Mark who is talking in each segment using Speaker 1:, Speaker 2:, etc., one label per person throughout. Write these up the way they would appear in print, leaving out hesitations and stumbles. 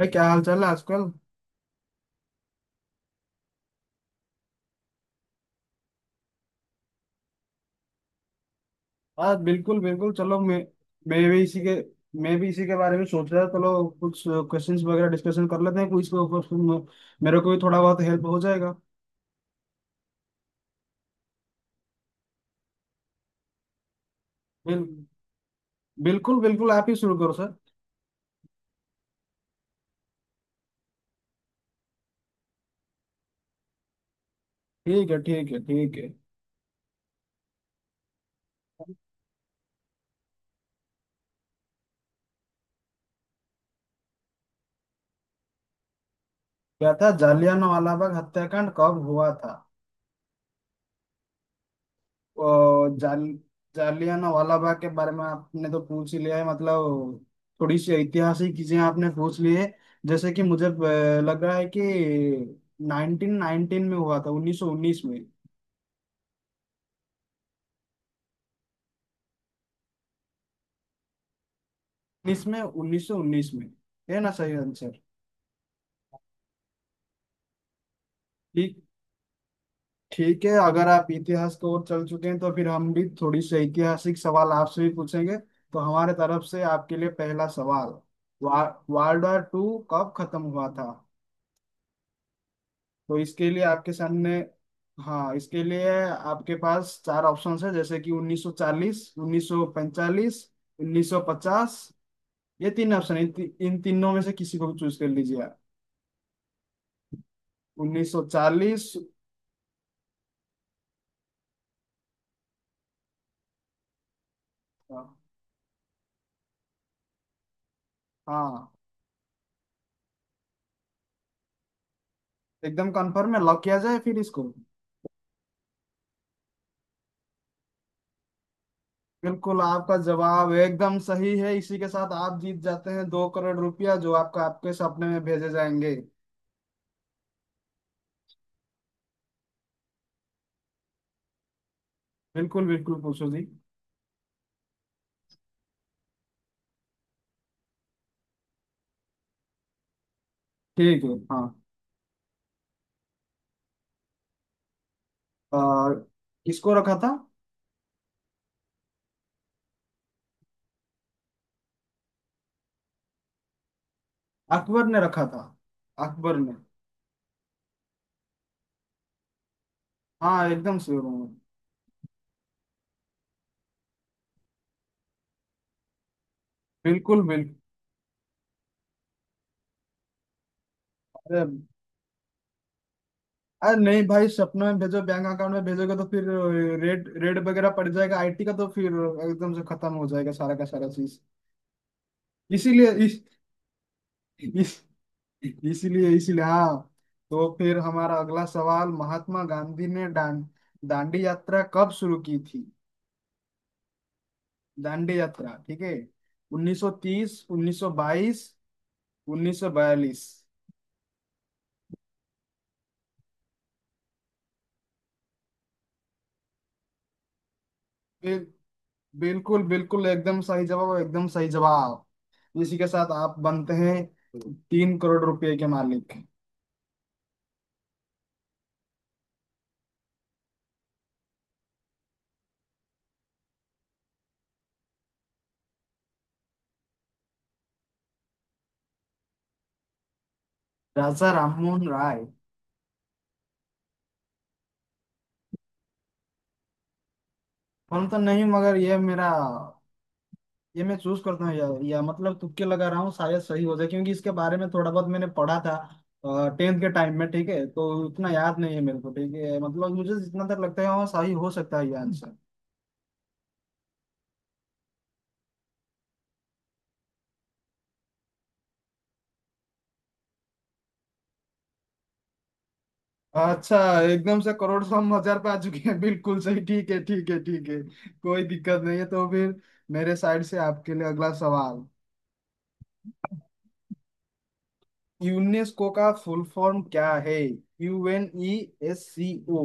Speaker 1: भाई, क्या हाल चाल है आजकल। हाँ, बिल्कुल बिल्कुल, चलो, मैं भी इसी के मैं भी इसी के बारे में सोच रहा था। चलो, कुछ क्वेश्चंस वगैरह डिस्कशन कर लेते हैं क्विज के ऊपर। मेरे को भी थोड़ा बहुत हेल्प हो जाएगा। बिल, बिल्कुल बिल्कुल, आप ही शुरू करो सर। ठीक है, ठीक है, ठीक है। क्या था? जलियांवाला बाग हत्याकांड कब हुआ था? अ, जाल जालियाना वाला बाग के बारे में आपने तो पूछ ही लिया है, मतलब थोड़ी सी ऐतिहासिक चीजें आपने पूछ ली है। जैसे कि मुझे लग रहा है कि 1919 में हुआ था। 1919 में। 19 में 1919 में, है ना सही आंसर? ठीक, ठीक है। अगर आप इतिहास को ओर चल चुके हैं तो फिर हम भी थोड़ी सी ऐतिहासिक सवाल आपसे भी पूछेंगे। तो हमारे तरफ से आपके लिए पहला सवाल, वा, वर्ल्ड वॉर टू कब खत्म हुआ था? तो इसके लिए आपके सामने, हाँ, इसके लिए आपके पास चार ऑप्शंस है, जैसे कि 1940, 1945, 1950। ये तीन ऑप्शन है। इन तीनों में से किसी को भी चूज कर लीजिए आप। 1940? हाँ, हाँ, एकदम कंफर्म है? लॉक किया जाए फिर इसको। बिल्कुल, आपका जवाब एकदम सही है। इसी के साथ आप जीत जाते हैं 2 करोड़ रुपया, जो आपका आपके सपने में भेजे जाएंगे। बिल्कुल बिल्कुल, पूछो जी। ठीक है, हाँ। और किसको रखा था? अकबर ने रखा था। अकबर ने। हाँ, एकदम श्योर हूँ मैं। बिल्कुल बिल्कुल। अरे, अरे नहीं भाई, सपने में भेजो। बैंक अकाउंट में भेजोगे तो फिर रेड रेड वगैरह पड़ जाएगा आईटी का, तो फिर एकदम से खत्म हो जाएगा सारा का सारा चीज। इसीलिए इस, इस, इसीलिए इसीलिए, हाँ, तो फिर हमारा अगला सवाल, महात्मा गांधी ने दांडी यात्रा कब शुरू की थी? दांडी यात्रा, ठीक है। 1930, 1922, 1942? फिर बिल्कुल बिल्कुल एकदम सही जवाब, और एकदम सही जवाब। इसी के साथ आप बनते हैं 3 करोड़ रुपए के मालिक। राजा राममोहन राय। हम तो नहीं, मगर ये मेरा, ये मैं चूज करता हूँ या मतलब तुक्के लगा रहा हूँ, शायद सही हो जाए, क्योंकि इसके बारे में थोड़ा बहुत मैंने पढ़ा था टेंथ के टाइम में। ठीक है, तो उतना याद नहीं है मेरे को। ठीक है, मतलब मुझे जितना तक लगता है वहाँ सही हो सकता है ये आंसर। अच्छा, एकदम से करोड़ सौ हम हजार पे आ चुके हैं। बिल्कुल सही, ठीक है, ठीक है, ठीक है। कोई दिक्कत नहीं है। तो फिर मेरे साइड से आपके लिए अगला सवाल, यूनेस्को का फुल फॉर्म क्या है? U N E S C O.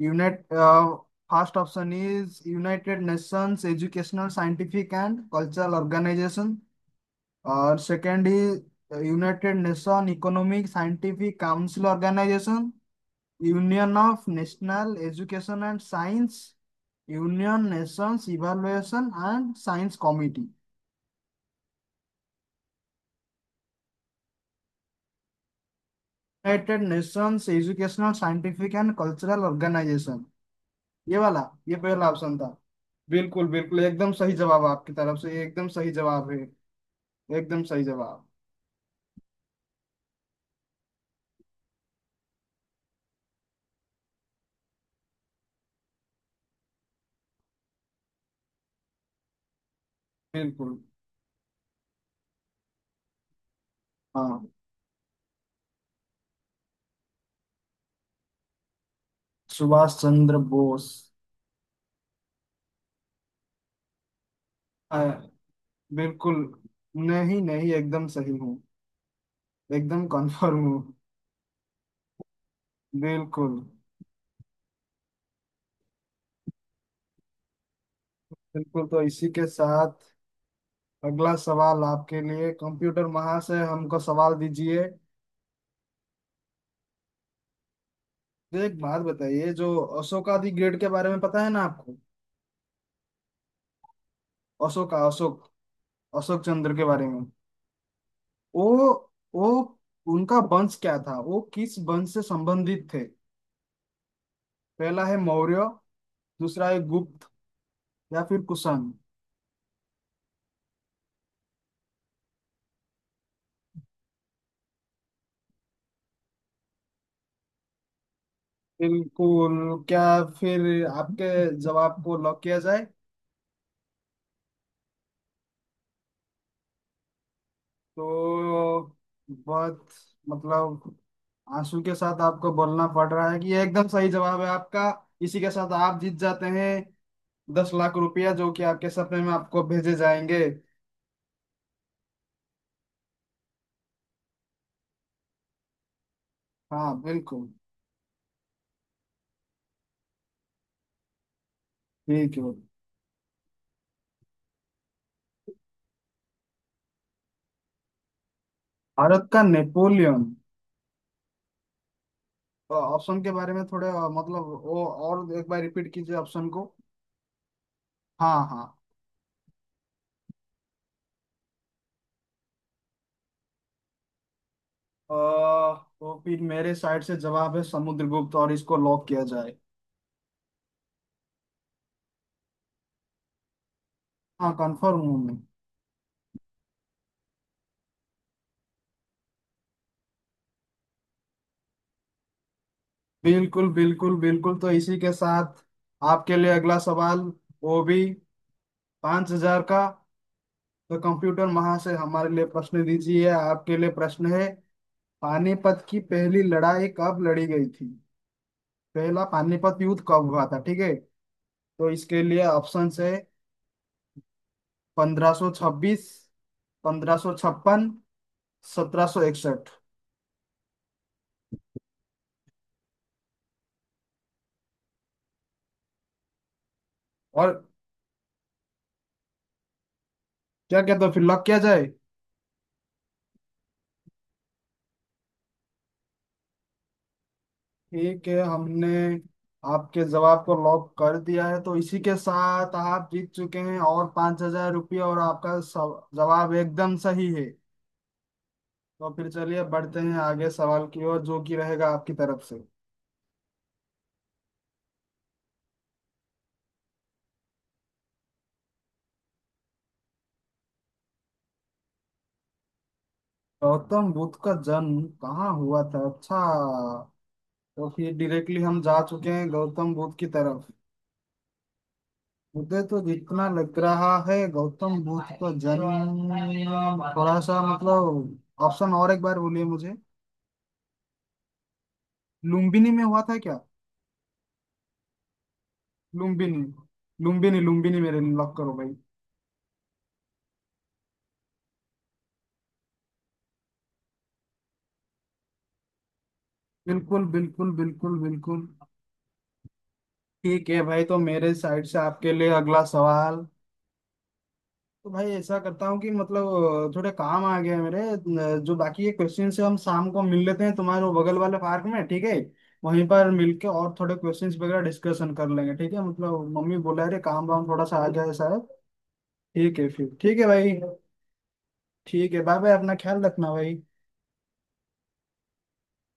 Speaker 1: Unite first option is united nations educational scientific and cultural organization. और second is united nation economic scientific council organization. Union of national education and science. Union nations evaluation and science committee. United nations educational scientific and cultural organization, ये वाला, ये पहला option था। बिल्कुल बिल्कुल एकदम सही जवाब आपकी तरफ से, ये एकदम सही जवाब है, एकदम सही जवाब। बिल्कुल, हाँ, सुभाष चंद्र बोस। आ, बिल्कुल, नहीं नहीं, एकदम सही हूँ, एकदम कंफर्म हूँ। बिल्कुल बिल्कुल, तो इसी के साथ अगला सवाल आपके लिए। कंप्यूटर महाशय, हमको सवाल दीजिए। तो एक बात बताइए, जो अशोका दी ग्रेट के बारे में पता है ना आपको? अशोक, अशोक चंद्र के बारे में। वो वो उनका वंश क्या था, वो किस वंश से संबंधित थे? पहला है मौर्य, दूसरा है गुप्त, या फिर कुषाण। बिल्कुल। क्या, फिर आपके जवाब को लॉक किया जाए? तो बहुत, मतलब, आंसू के साथ आपको बोलना पड़ रहा है कि ये एकदम सही जवाब है आपका। इसी के साथ आप जीत जाते हैं 10 लाख रुपया, जो कि आपके सपने में आपको भेजे जाएंगे। हाँ बिल्कुल, ठीक है। भारत का नेपोलियन? तो ऑप्शन के बारे में थोड़े मतलब वो, और एक बार रिपीट कीजिए ऑप्शन को। हाँ हाँ। अ, तो फिर मेरे साइड से जवाब है समुद्रगुप्त, और इसको लॉक किया जाए। हाँ, कंफर्म हूँ मैं। बिल्कुल बिल्कुल बिल्कुल, तो इसी के साथ आपके लिए अगला सवाल, वो भी 5 हजार का। तो कंप्यूटर महाशय, हमारे लिए प्रश्न दीजिए। आपके लिए प्रश्न है, पानीपत की पहली लड़ाई कब लड़ी गई थी? पहला पानीपत युद्ध कब हुआ था, ठीक है? तो इसके लिए ऑप्शन है 1526, 1556, 1761। और क्या कहते हो, फिर लॉक किया जाए? ठीक है, हमने आपके जवाब को लॉक कर दिया है। तो इसी के साथ आप जीत चुके हैं और 5 हजार रुपये, और आपका जवाब एकदम सही है। तो फिर चलिए बढ़ते हैं आगे सवाल की ओर, जो कि रहेगा आपकी तरफ से। गौतम बुद्ध का जन्म कहाँ हुआ था? अच्छा, तो फिर डायरेक्टली हम जा चुके हैं गौतम बुद्ध की तरफ। मुझे तो जितना लग रहा है गौतम बुद्ध का जन्म थोड़ा सा, मतलब, ऑप्शन और एक बार बोलिए मुझे। लुम्बिनी में हुआ था क्या? लुम्बिनी, लुम्बिनी, लुम्बिनी मेरे लिए लॉक करो भाई। बिल्कुल बिल्कुल बिल्कुल बिल्कुल, ठीक है भाई। तो मेरे साइड से आपके लिए अगला सवाल, तो भाई ऐसा करता हूँ कि, मतलब, थोड़े काम आ गया है मेरे। जो बाकी के क्वेश्चन से हम शाम को मिल लेते हैं तुम्हारे वो बगल वाले पार्क में, ठीक है? वहीं पर मिलके और थोड़े क्वेश्चंस वगैरह डिस्कशन कर लेंगे, ठीक है? मतलब मम्मी बोला रे, काम वाम थोड़ा सा आ गया है शायद। ठीक है फिर, ठीक है भाई। ठीक है, बाय बाय, अपना ख्याल रखना भाई।